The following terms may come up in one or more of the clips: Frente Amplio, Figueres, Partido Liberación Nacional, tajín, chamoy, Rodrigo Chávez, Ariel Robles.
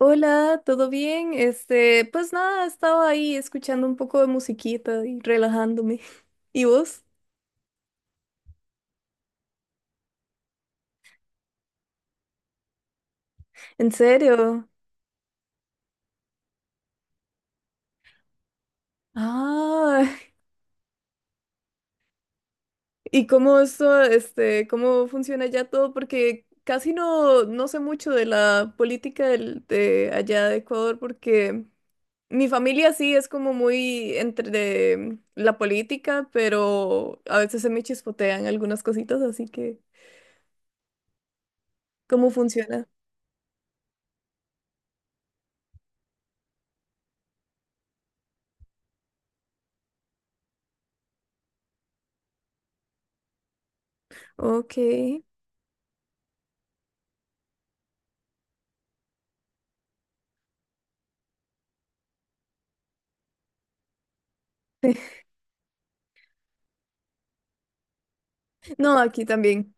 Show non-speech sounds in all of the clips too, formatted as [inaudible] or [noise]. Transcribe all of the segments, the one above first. Hola, ¿todo bien? Este, pues nada, estaba ahí escuchando un poco de musiquita y relajándome. [laughs] ¿Y vos? ¿En serio? Ah, [laughs] ¿y cómo eso, este, cómo funciona ya todo? Porque casi no sé mucho de la política de allá de Ecuador, porque mi familia sí es como muy entre de la política, pero a veces se me chispotean algunas cositas, así que, ¿cómo funciona? Ok. [laughs] No, aquí también.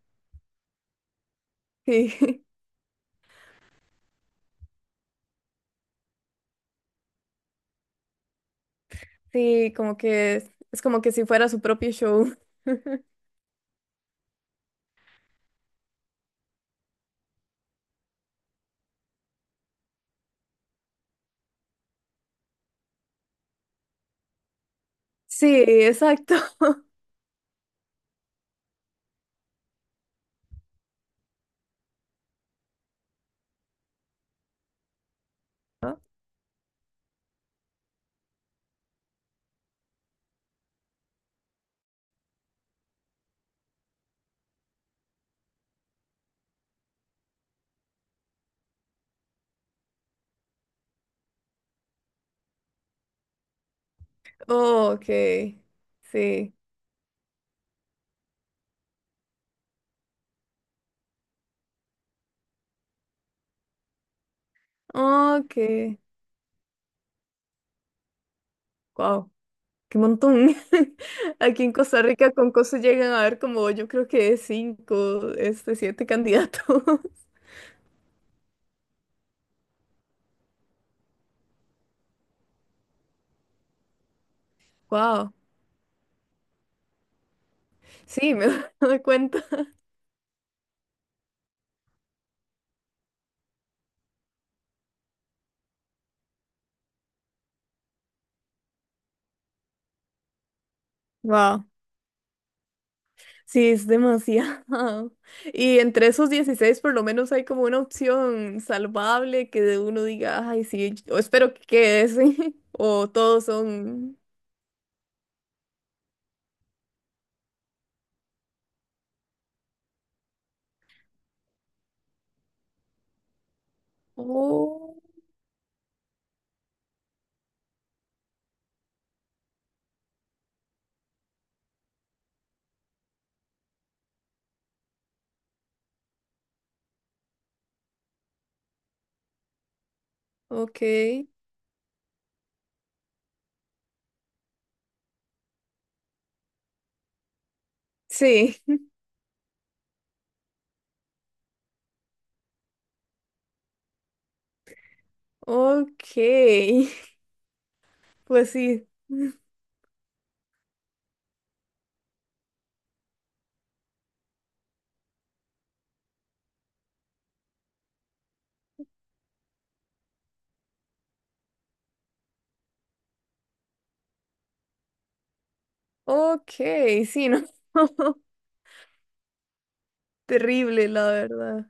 Sí, [laughs] sí, como que es como que si fuera su propio show. Sí, exacto. [laughs] Oh, ok, sí. Oh, ok, wow, qué montón. [laughs] Aquí en Costa Rica con cosas llegan a ver como yo creo que cinco, este, siete candidatos. [laughs] Wow, sí, me [laughs] doy cuenta. Wow. Sí, es demasiado. [laughs] Y entre esos 16, por lo menos hay como una opción salvable que de uno diga, ay, sí, yo espero que quede ese". [laughs] O todos son. Oh, ok. Sí, ok. [laughs] Pues sí, ok, sí, no. [laughs] Terrible, la verdad.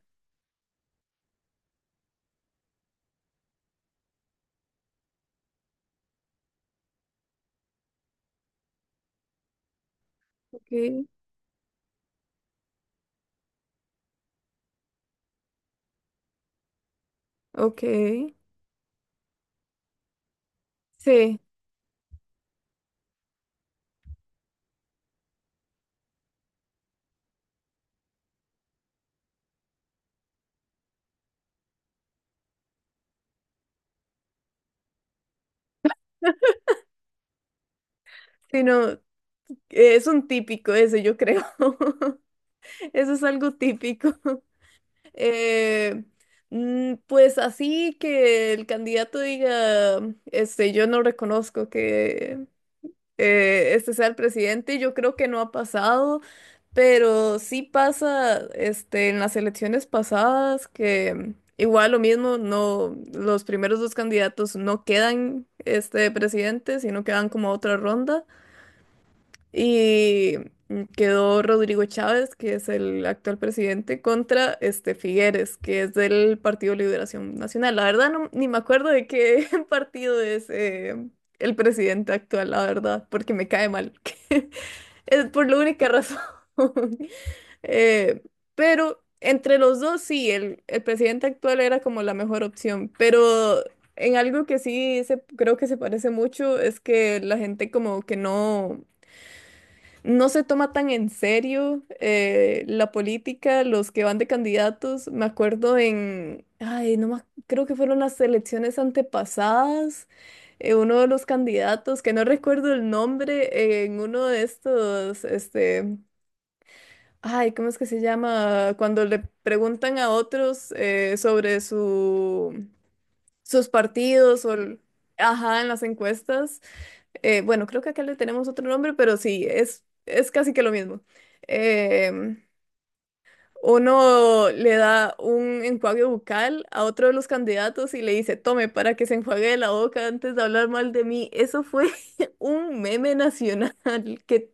Ok, ok. Sí, sí, no. Es un típico ese, yo creo. [laughs] Eso es algo típico. Eh, pues así que el candidato diga, este, yo no reconozco que este sea el presidente, yo creo que no ha pasado, pero sí pasa, este, en las elecciones pasadas que igual lo mismo, no, los primeros dos candidatos no quedan, este, presidente, sino que van como a otra ronda. Y quedó Rodrigo Chávez, que es el actual presidente, contra este Figueres, que es del Partido Liberación Nacional. La verdad, no, ni me acuerdo de qué [laughs] partido es el presidente actual, la verdad, porque me cae mal. [laughs] Es por la única razón. [laughs] Eh, pero entre los dos, sí, el presidente actual era como la mejor opción, pero. En algo que sí se, creo que se parece mucho es que la gente como que no se toma tan en serio la política, los que van de candidatos. Me acuerdo en, ay, no más, creo que fueron las elecciones antepasadas, uno de los candidatos, que no recuerdo el nombre, en uno de estos, este, ay, ¿cómo es que se llama? Cuando le preguntan a otros sobre sus partidos ajá, en las encuestas bueno, creo que acá le tenemos otro nombre, pero sí, es casi que lo mismo. Em, Uno le da un enjuague bucal a otro de los candidatos y le dice, tome para que se enjuague la boca antes de hablar mal de mí. Eso fue [laughs] un meme nacional, que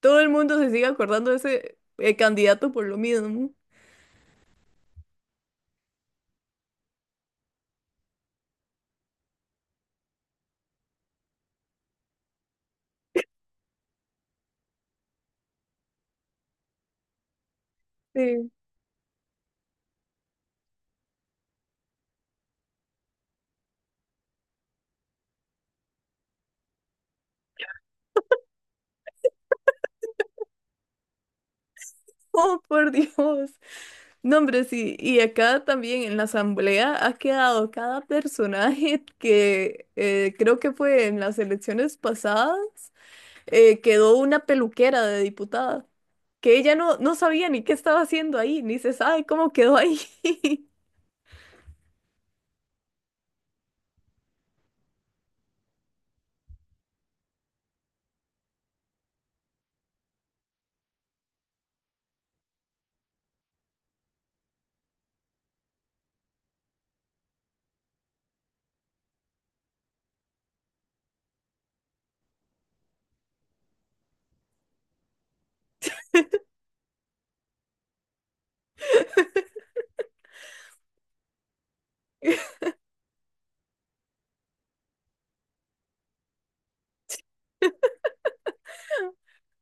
todo el mundo se sigue acordando de ese candidato por lo mismo. Sí. Oh, por Dios. No, hombre, sí. Y acá también en la asamblea ha quedado cada personaje [laughs] que creo que fue en las elecciones pasadas, quedó una peluquera de diputada, que ella no sabía ni qué estaba haciendo ahí, ni se sabe cómo quedó ahí. [laughs]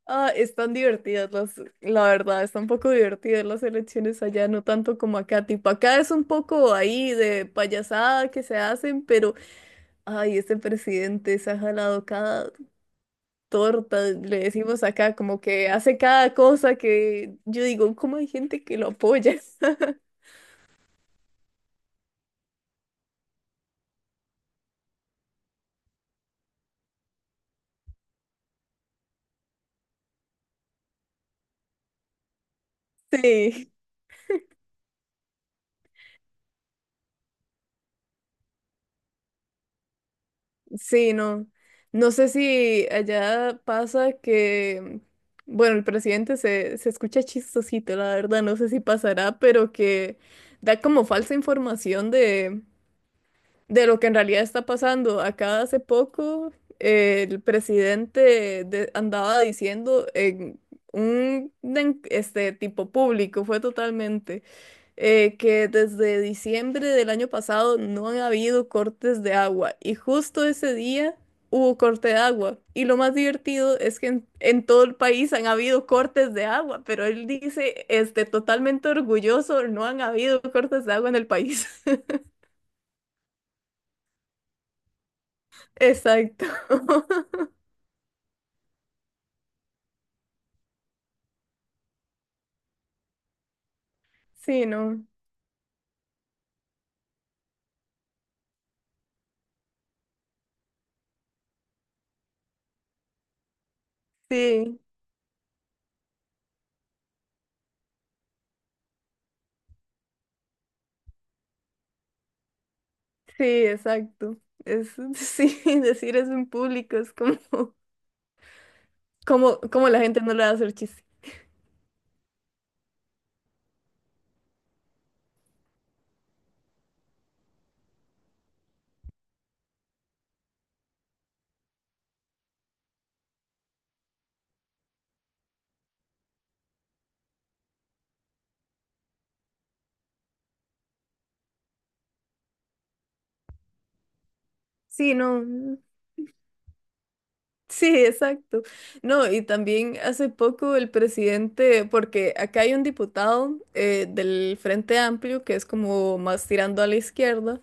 Ah, están divertidas la verdad, están un poco divertidas las elecciones allá, no tanto como acá. Tipo, acá es un poco ahí de payasada que se hacen, pero. Ay, este presidente se ha jalado cada torta, le decimos acá, como que hace cada cosa que yo digo, ¿cómo hay gente que lo apoya? [laughs] Sí, sí, no. No sé si allá pasa que, bueno, el presidente se escucha chistosito, la verdad, no sé si pasará, pero que da como falsa información de lo que en realidad está pasando. Acá hace poco el presidente andaba diciendo en un este tipo público, fue totalmente, que desde diciembre del año pasado no han habido cortes de agua y justo ese día hubo corte de agua. Y lo más divertido es que en todo el país han habido cortes de agua, pero él dice, este, totalmente orgulloso, no han habido cortes de agua en el país. [laughs] Exacto. [laughs] Sí, no. Sí, sí, exacto. Es, [laughs] sí, decir eso en público es como, [laughs] como la gente no le va a hacer chiste. Sí, no. No. Sí, exacto. No, y también hace poco el presidente, porque acá hay un diputado del Frente Amplio que es como más tirando a la izquierda.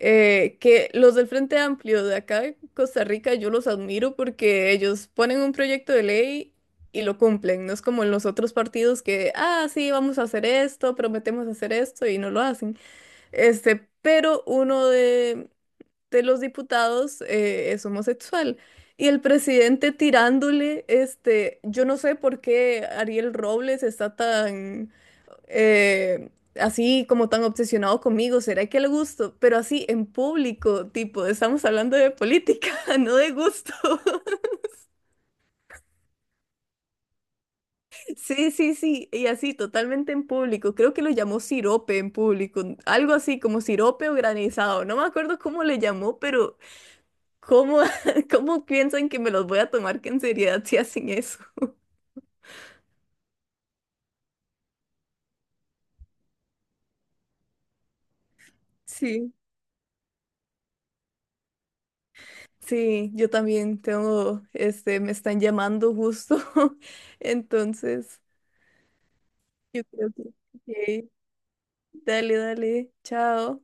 Que los del Frente Amplio de acá de Costa Rica yo los admiro porque ellos ponen un proyecto de ley y lo cumplen, no es como en los otros partidos que, ah, sí, vamos a hacer esto, prometemos hacer esto y no lo hacen. Este, pero uno de los diputados es homosexual. Y el presidente tirándole, este, yo no sé por qué Ariel Robles está tan, eh, así como tan obsesionado conmigo, ¿será que le gusto? Pero así en público, tipo, estamos hablando de política, [laughs] no de gusto. [laughs] Sí, sí, sí, y así totalmente en público. Creo que lo llamó sirope en público, algo así como sirope o granizado. No me acuerdo cómo le llamó, pero ¿cómo, [laughs] cómo piensan que me los voy a tomar que en seriedad si hacen eso? Sí. Sí, yo también tengo, este, me están llamando justo. [laughs] Entonces, yo creo que. Ok. Dale, dale, chao.